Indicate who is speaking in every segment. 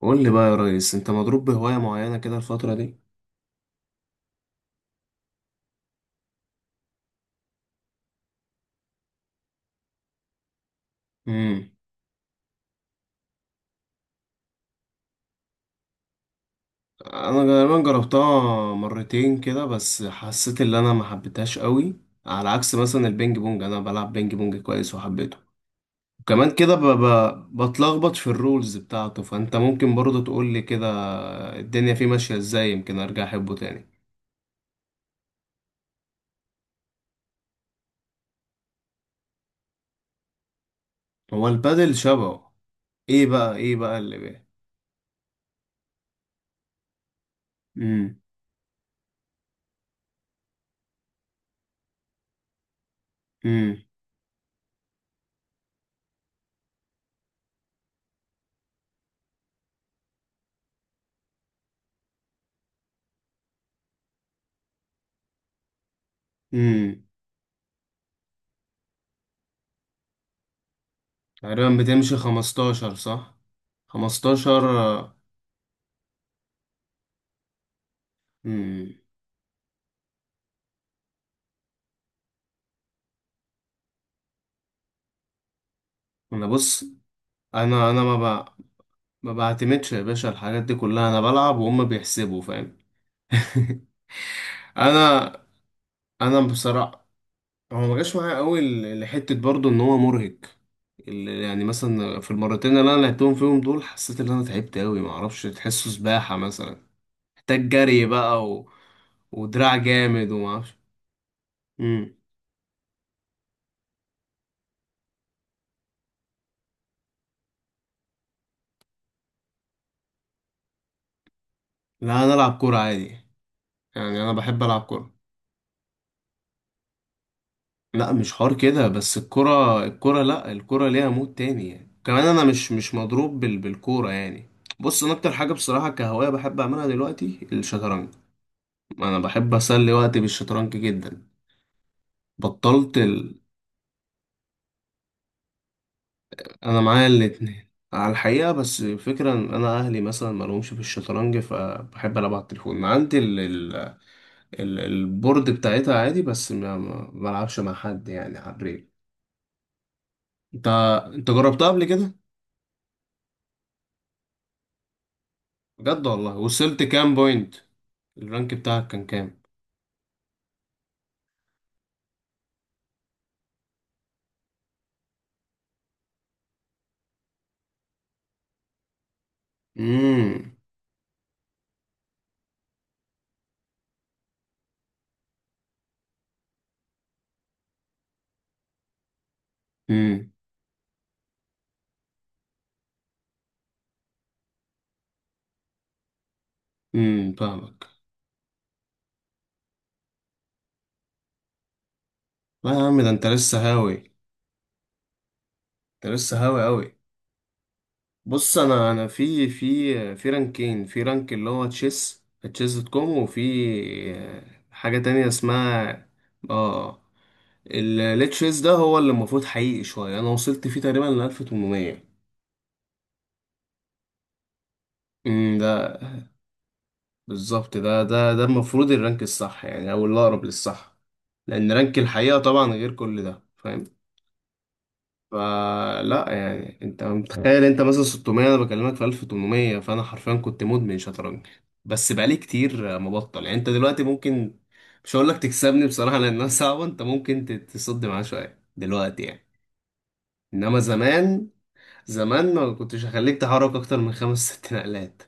Speaker 1: قول لي بقى يا ريس، انت مضروب بهواية معينة كده الفترة دي؟ امم. انا غالبا جربتها مرتين كده، بس حسيت ان انا ما حبيتهاش قوي. على عكس مثلا البينج بونج، انا بلعب بينج بونج كويس وحبيته. وكمان كده بتلخبط في الرولز بتاعته، فانت ممكن برضه تقول لي كده الدنيا فيه ماشية ازاي، يمكن ارجع احبه تاني. هو البادل شبهه ايه بقى اللي بيه؟ امم، امم، امم. تقريبا بتمشي 15، صح؟ 15. امم. بص، انا ما بعتمدش يا باشا، الحاجات دي كلها انا بلعب وهم بيحسبوا، فاهم؟ انا انا بصراحه، هو ما جاش معايا قوي لحته، برضو ان هو مرهق. يعني مثلا في المرتين اللي انا لعبتهم فيهم دول، حسيت ان انا تعبت قوي، ما اعرفش، تحسه سباحه مثلا، محتاج جري بقى ودراع جامد وما اعرفش. امم. لا، انا العب كوره عادي، يعني انا بحب العب كوره. لا مش حوار كده، بس الكرة، لا، الكرة ليها مود تاني يعني. كمان انا مش مضروب بالكورة يعني. بص، انا اكتر حاجة بصراحة كهواية بحب اعملها دلوقتي الشطرنج. انا بحب اسلي وقتي بالشطرنج جدا. بطلت ال... انا معايا الاتنين على الحقيقة، بس الفكرة ان انا اهلي مثلا ما لهمش في الشطرنج، فبحب العب على التليفون. عندي البورد بتاعتها عادي، بس ما بلعبش مع حد يعني على الريل. انت انت جربتها قبل كده؟ بجد والله، وصلت كام بوينت؟ الرانك بتاعك كان كام؟ امم، امم، امم. فاهمك. لا يا عم، ده انت لسه هاوي، انت لسه هاوي قوي. بص، انا في رانكين، في رانك اللي هو تشيس. تشيس دوت كوم. وفي آه، حاجة تانية اسمها، اه، التشيس ده هو اللي المفروض حقيقي شوية. انا وصلت فيه تقريبا ل 1800. بالظبط، ده المفروض الرانك الصح يعني، او اللي اقرب للصح، لان رانك الحقيقه طبعا غير كل ده، فاهم؟ فلا يعني، انت متخيل انت مثلا 600، انا بكلمك في 1800، فانا حرفيا كنت مدمن شطرنج. بس بقالي كتير مبطل، يعني انت دلوقتي ممكن، مش هقول لك تكسبني بصراحه لانها صعبه، انت ممكن تصد معاه شويه دلوقتي يعني. انما زمان، زمان ما كنتش هخليك تحرك اكتر من خمس ست نقلات.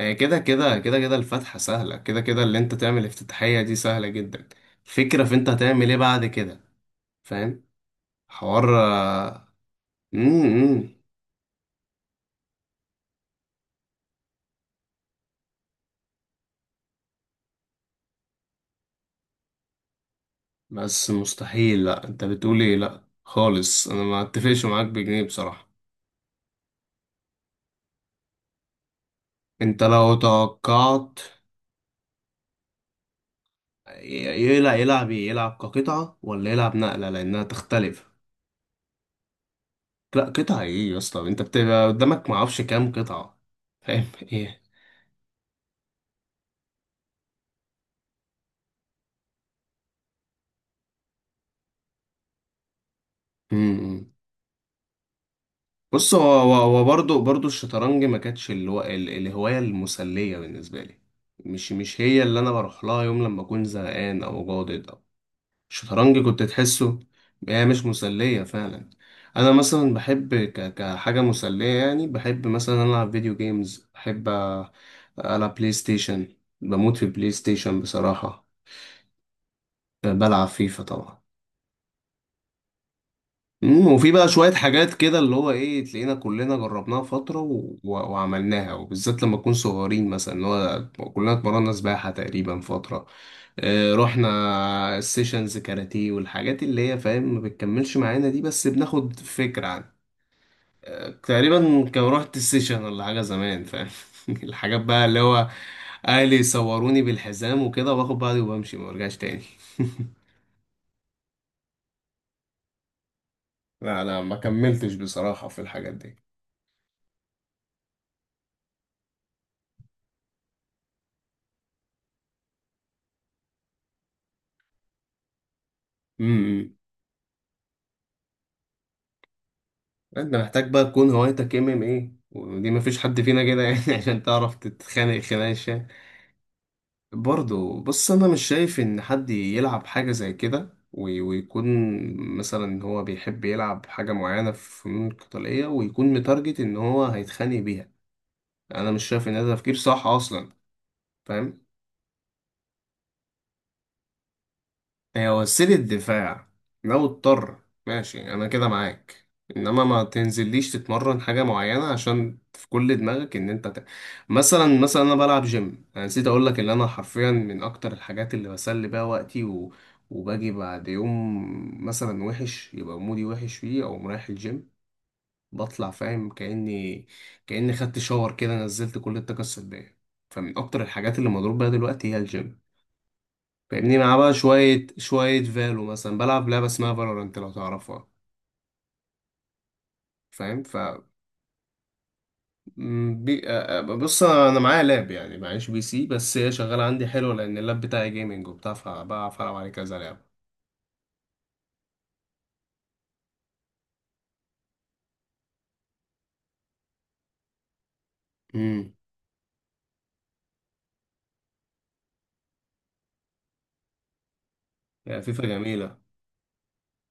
Speaker 1: آه، كده كده كده كده، الفتحة سهلة، كده كده اللي انت تعمل افتتاحية دي سهلة جدا، الفكرة في انت هتعمل ايه بعد كده، فاهم؟ حوار، آه، مم، مم. بس مستحيل، لا انت بتقول ايه، لا خالص، انا ما اتفقش معاك بجنيه بصراحة. انت لو توقعت يلعب ايه، يلعب كقطعة ولا يلعب نقلة، لانها تختلف. لا قطعة ايه يا اسطى، انت بتبقى قدامك معرفش كام قطعة. فاهم ايه؟ مم، مم. بص، هو برضه الشطرنج ما كانتش اللي هو الهواية المسلية بالنسبة لي، مش هي اللي أنا بروح لها يوم لما أكون زهقان أو جادد أو، الشطرنج كنت تحسه، هي مش مسلية فعلا. أنا مثلا بحب كحاجة مسلية، يعني بحب مثلا ألعب فيديو جيمز، بحب ألعب بلاي ستيشن. بموت في بلاي ستيشن بصراحة. بلعب فيفا طبعا. وفي بقى شوية حاجات كده اللي هو ايه، تلاقينا كلنا جربناها فترة وعملناها، وبالذات لما نكون صغيرين مثلا، اللي هو كلنا اتمرنا سباحة تقريبا فترة. اه، رحنا السيشنز كاراتيه والحاجات اللي هي، فاهم، ما بتكملش معانا دي، بس بناخد فكرة عن. تقريبا كان رحت السيشن ولا حاجة زمان، فاهم؟ الحاجات بقى اللي هو، اهلي صوروني بالحزام وكده، واخد بعضي وبمشي ما برجعش تاني. لا، لا، ما كملتش بصراحة في الحاجات دي. انت محتاج بقى تكون هوايتك ام ام ايه، ودي مفيش حد فينا كده يعني عشان تعرف تتخانق خناقه. برضو، بص انا مش شايف ان حد يلعب حاجه زي كده ويكون مثلا هو بيحب يلعب حاجه معينه في فنون قتاليه، ويكون متارجت ان هو هيتخانق بيها. انا مش شايف ان ده تفكير صح اصلا. فاهم، هي وسيلة دفاع لو اضطر، ماشي أنا كده معاك. إنما ما تنزليش تتمرن حاجة معينة عشان في كل دماغك إن أنت. مثلا أنا بلعب جيم، أنا نسيت أقولك إن أنا حرفيا من أكتر الحاجات اللي بسلي بيها وقتي وباجي بعد يوم مثلا وحش، يبقى مودي وحش فيه أو رايح الجيم، بطلع فاهم كأني خدت شاور كده، نزلت كل الطاقة السلبية. فمن أكتر الحاجات اللي مضروب بيها دلوقتي هي الجيم، فاهمني؟ مع بقى شوية شوية فالو، مثلا بلعب لعبة اسمها فالورانت لو تعرفها؟ فاهم ف م- بي... آه، آه، بص، انا معايا لاب يعني، معيش بي سي، بس هي شغالة عندي حلو لان اللاب بتاعي جيمنج وبتاع، فبعرف العب عليه كذا لعبة. امم. يعني فيفا جميلة.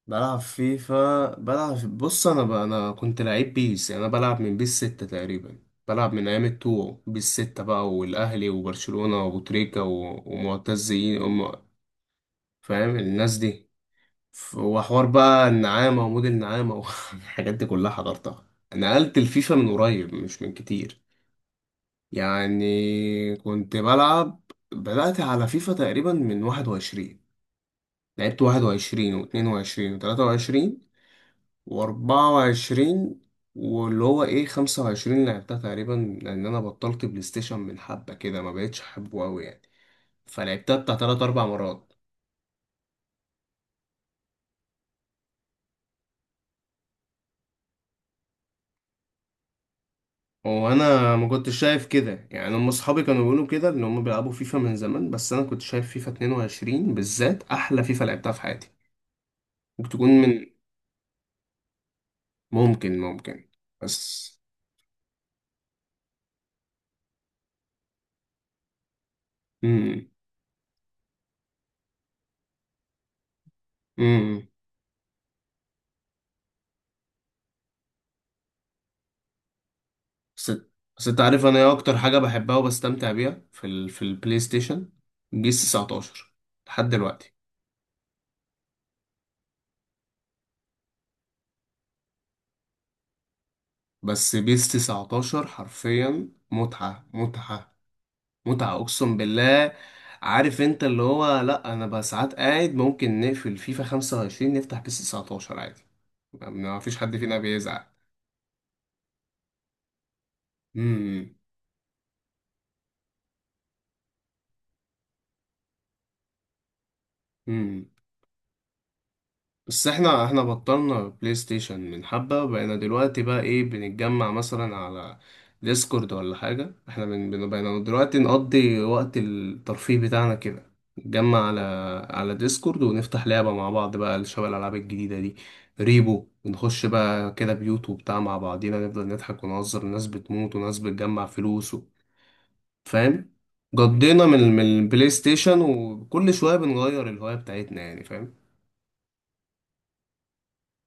Speaker 1: بلعب فيفا، بص، انا كنت لعيب بيس، يعني انا بلعب من بيس 6 تقريبا. بلعب من ايام التو، بيس 6 بقى، والاهلي وبرشلونة وابو تريكة ومعتز فاهم الناس دي. وحوار بقى النعامة ومود النعامة والحاجات دي كلها حضرتها. نقلت الفيفا من قريب مش من كتير، يعني كنت بلعب بدأت على فيفا تقريبا من 21. لعبت 21 واتنين وعشرين وتلاتة وعشرين وأربعة وعشرين، واللي هو ايه 25 لعبتها تقريبا، لأن أنا بطلت بلاي ستيشن من حبة كده، ما بقتش أحبه أوي يعني، فلعبتها بتاع تلات أربع مرات. وانا ما كنتش شايف كده يعني، هم اصحابي كانوا بيقولوا كده ان هم بيلعبوا فيفا من زمان، بس انا كنت شايف فيفا 22 بالذات احلى فيفا لعبتها في حياتي. ممكن تكون من، ممكن. بس، امم، امم. بس بس انت عارف انا ايه اكتر حاجه بحبها وبستمتع بيها في البلاي ستيشن؟ بيس 19 لحد دلوقتي. بس بيس 19 حرفيا متعه، متعه، متعة، أقسم بالله. عارف أنت اللي هو، لأ أنا بقى ساعات قاعد، ممكن نقفل فيفا 25 نفتح بيس 19 عادي، ما فيش حد فينا بيزعل. امم، امم. بس احنا بطلنا بلاي ستيشن من حبة، وبقينا دلوقتي بقى ايه بنتجمع مثلا على ديسكورد ولا حاجة. احنا بقينا دلوقتي نقضي وقت الترفيه بتاعنا كده، نتجمع على، ديسكورد، ونفتح لعبة مع بعض بقى شبه الألعاب الجديدة دي، ريبو، ونخش بقى كده بيوت وبتاع مع بعضينا، نفضل نضحك ونهزر وناس بتموت وناس بتجمع فلوس فاهم. قضينا من البلاي ستيشن، وكل شوية بنغير الهواية بتاعتنا يعني، فاهم.